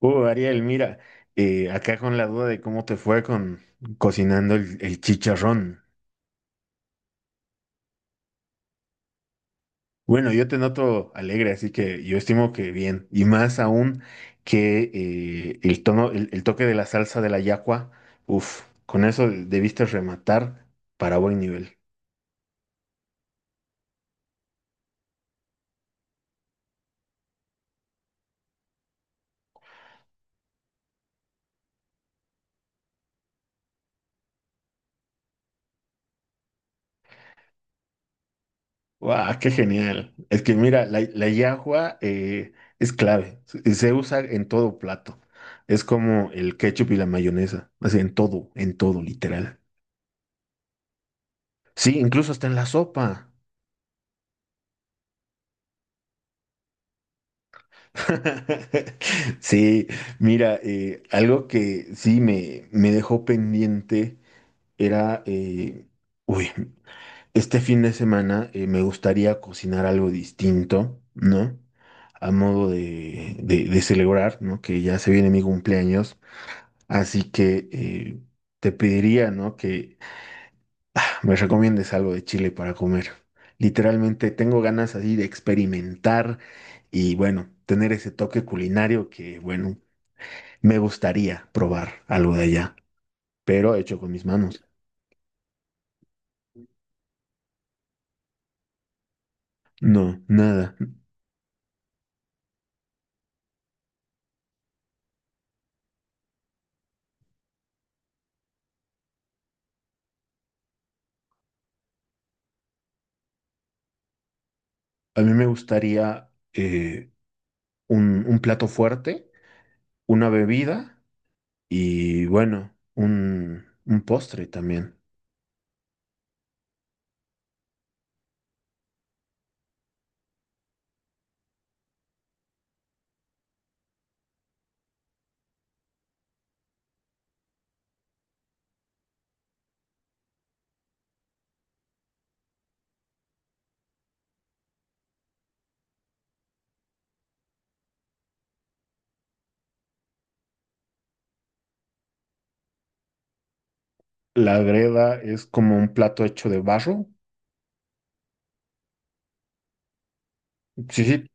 Ariel, mira, acá con la duda de cómo te fue con cocinando el chicharrón. Bueno, yo te noto alegre, así que yo estimo que bien. Y más aún que el tono, el toque de la salsa de la yacua, uff, con eso debiste rematar para buen nivel. ¡Guau! ¡Qué genial! Es que mira, la yacua es clave. Se usa en todo plato. Es como el ketchup y la mayonesa. Así en todo, literal. Sí, incluso está en la sopa. Sí, mira, algo que sí me dejó pendiente era, uy, este fin de semana me gustaría cocinar algo distinto, ¿no? A modo de celebrar, ¿no? Que ya se viene mi cumpleaños, así que te pediría, ¿no? Me recomiendes algo de Chile para comer. Literalmente tengo ganas así de experimentar y bueno, tener ese toque culinario que bueno, me gustaría probar algo de allá, pero hecho con mis manos. No, nada. A mí me gustaría un plato fuerte, una bebida y bueno, un postre también. La greda es como un plato hecho de barro. Sí, sí.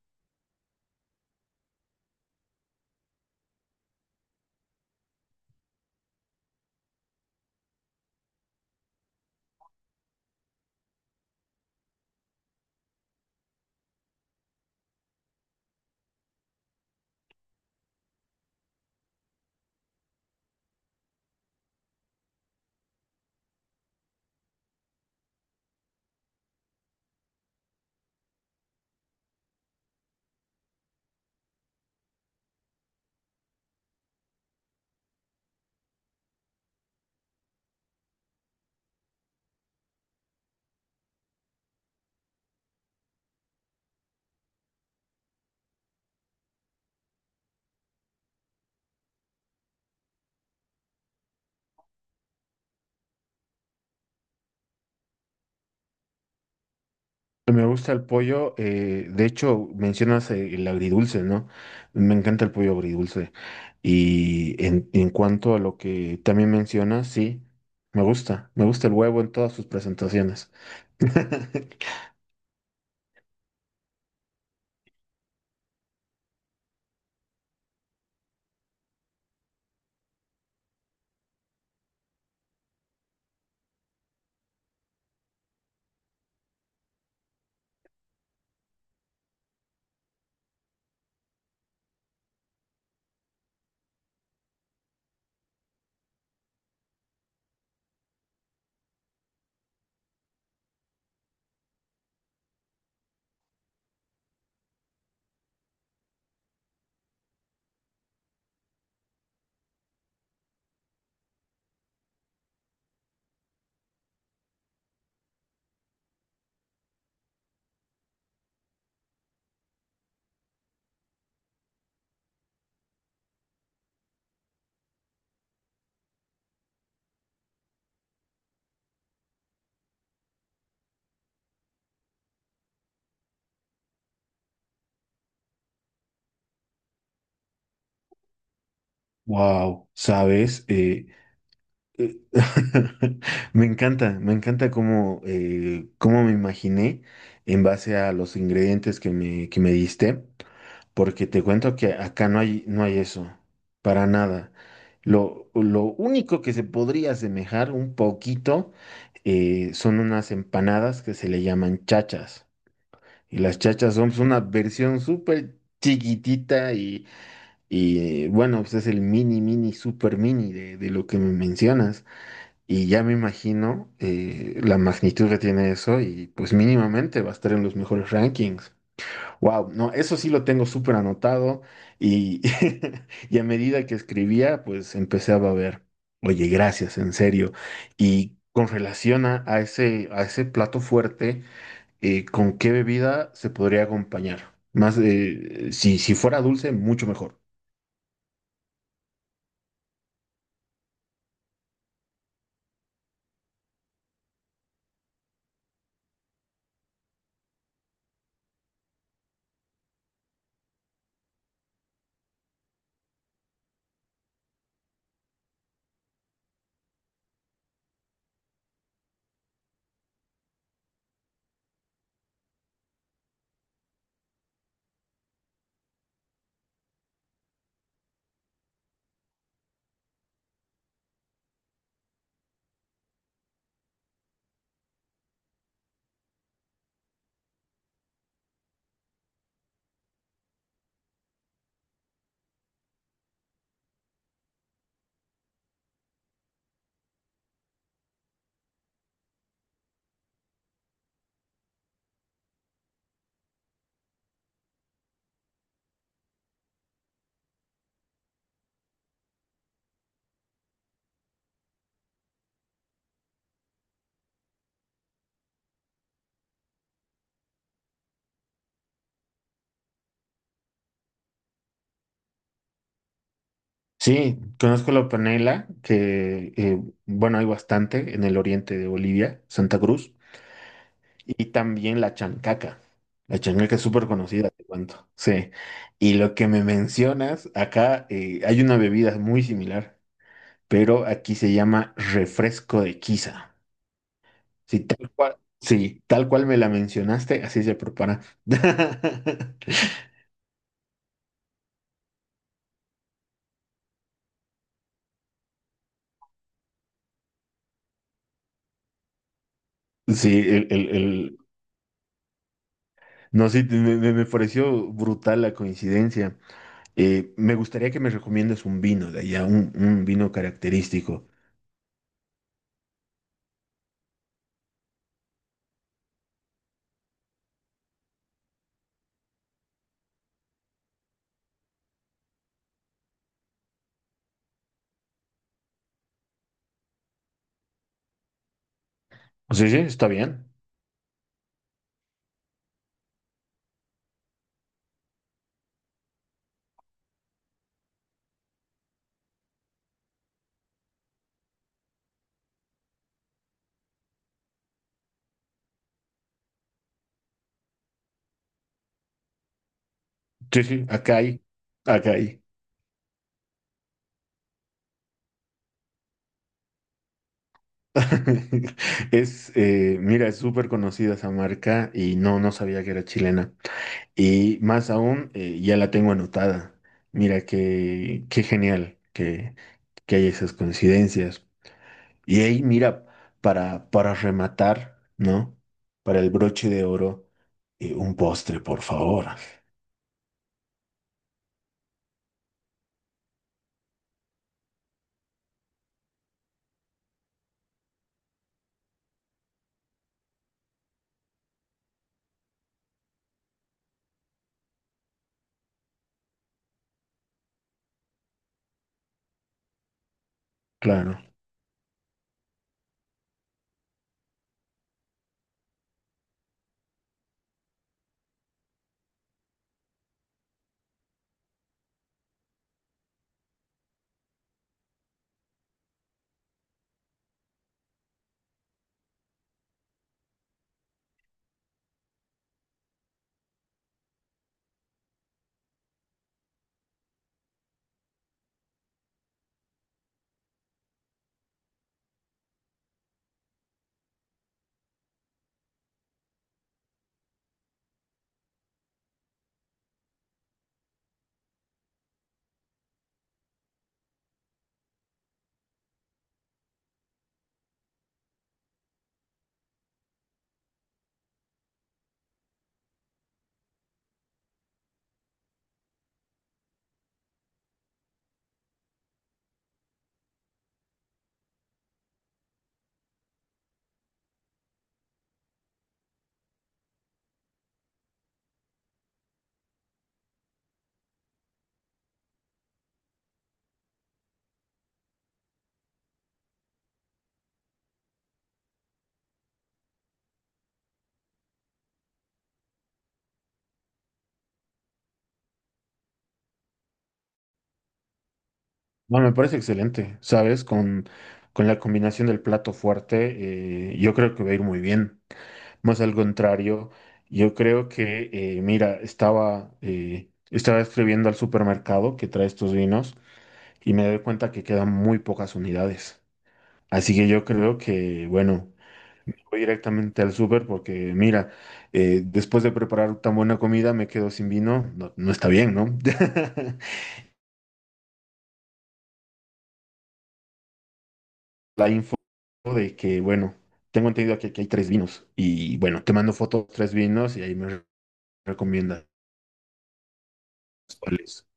Me gusta el pollo, de hecho mencionas el agridulce, ¿no? Me encanta el pollo agridulce. Y en cuanto a lo que también mencionas, sí, me gusta el huevo en todas sus presentaciones. Wow, ¿sabes? Eh, me encanta cómo, cómo me imaginé en base a los ingredientes que me diste. Porque te cuento que acá no hay, no hay eso, para nada. Lo único que se podría asemejar un poquito son unas empanadas que se le llaman chachas. Y las chachas son pues, una versión súper chiquitita y bueno, pues es el mini, mini, super mini de lo que me mencionas. Y ya me imagino la magnitud que tiene eso y pues mínimamente va a estar en los mejores rankings. Wow, no, eso sí lo tengo súper anotado y, y a medida que escribía, pues empecé a ver, oye, gracias, en serio. Y con relación a ese plato fuerte, ¿con qué bebida se podría acompañar? Más, si, si fuera dulce, mucho mejor. Sí, conozco la panela, que, bueno, hay bastante en el oriente de Bolivia, Santa Cruz. Y también la chancaca. La chancaca es súper conocida, te cuento. Sí. Y lo que me mencionas, acá hay una bebida muy similar, pero aquí se llama refresco de quiza. Sí, tal cual. Sí, tal cual me la mencionaste, así se prepara. Sí, no, sí, me pareció brutal la coincidencia. Me gustaría que me recomiendes un vino de allá, un vino característico. Sí, sí, está bien. Sí, sí, acá hay, acá hay. Es, mira, es súper conocida esa marca y no, no sabía que era chilena. Y más aún, ya la tengo anotada. Mira, qué, qué genial que hay esas coincidencias. Y ahí, mira, para rematar, ¿no? Para el broche de oro, un postre, por favor. Claro. No, me parece excelente, ¿sabes? Con la combinación del plato fuerte, yo creo que va a ir muy bien. Más al contrario, yo creo que, mira, estaba, estaba escribiendo al supermercado que trae estos vinos y me doy cuenta que quedan muy pocas unidades. Así que yo creo que, bueno, voy directamente al súper porque, mira, después de preparar tan buena comida me quedo sin vino, no, no está bien, ¿no? La info de que, bueno, tengo entendido que aquí hay tres vinos y bueno, te mando fotos de tres vinos y ahí recomiendas cuáles.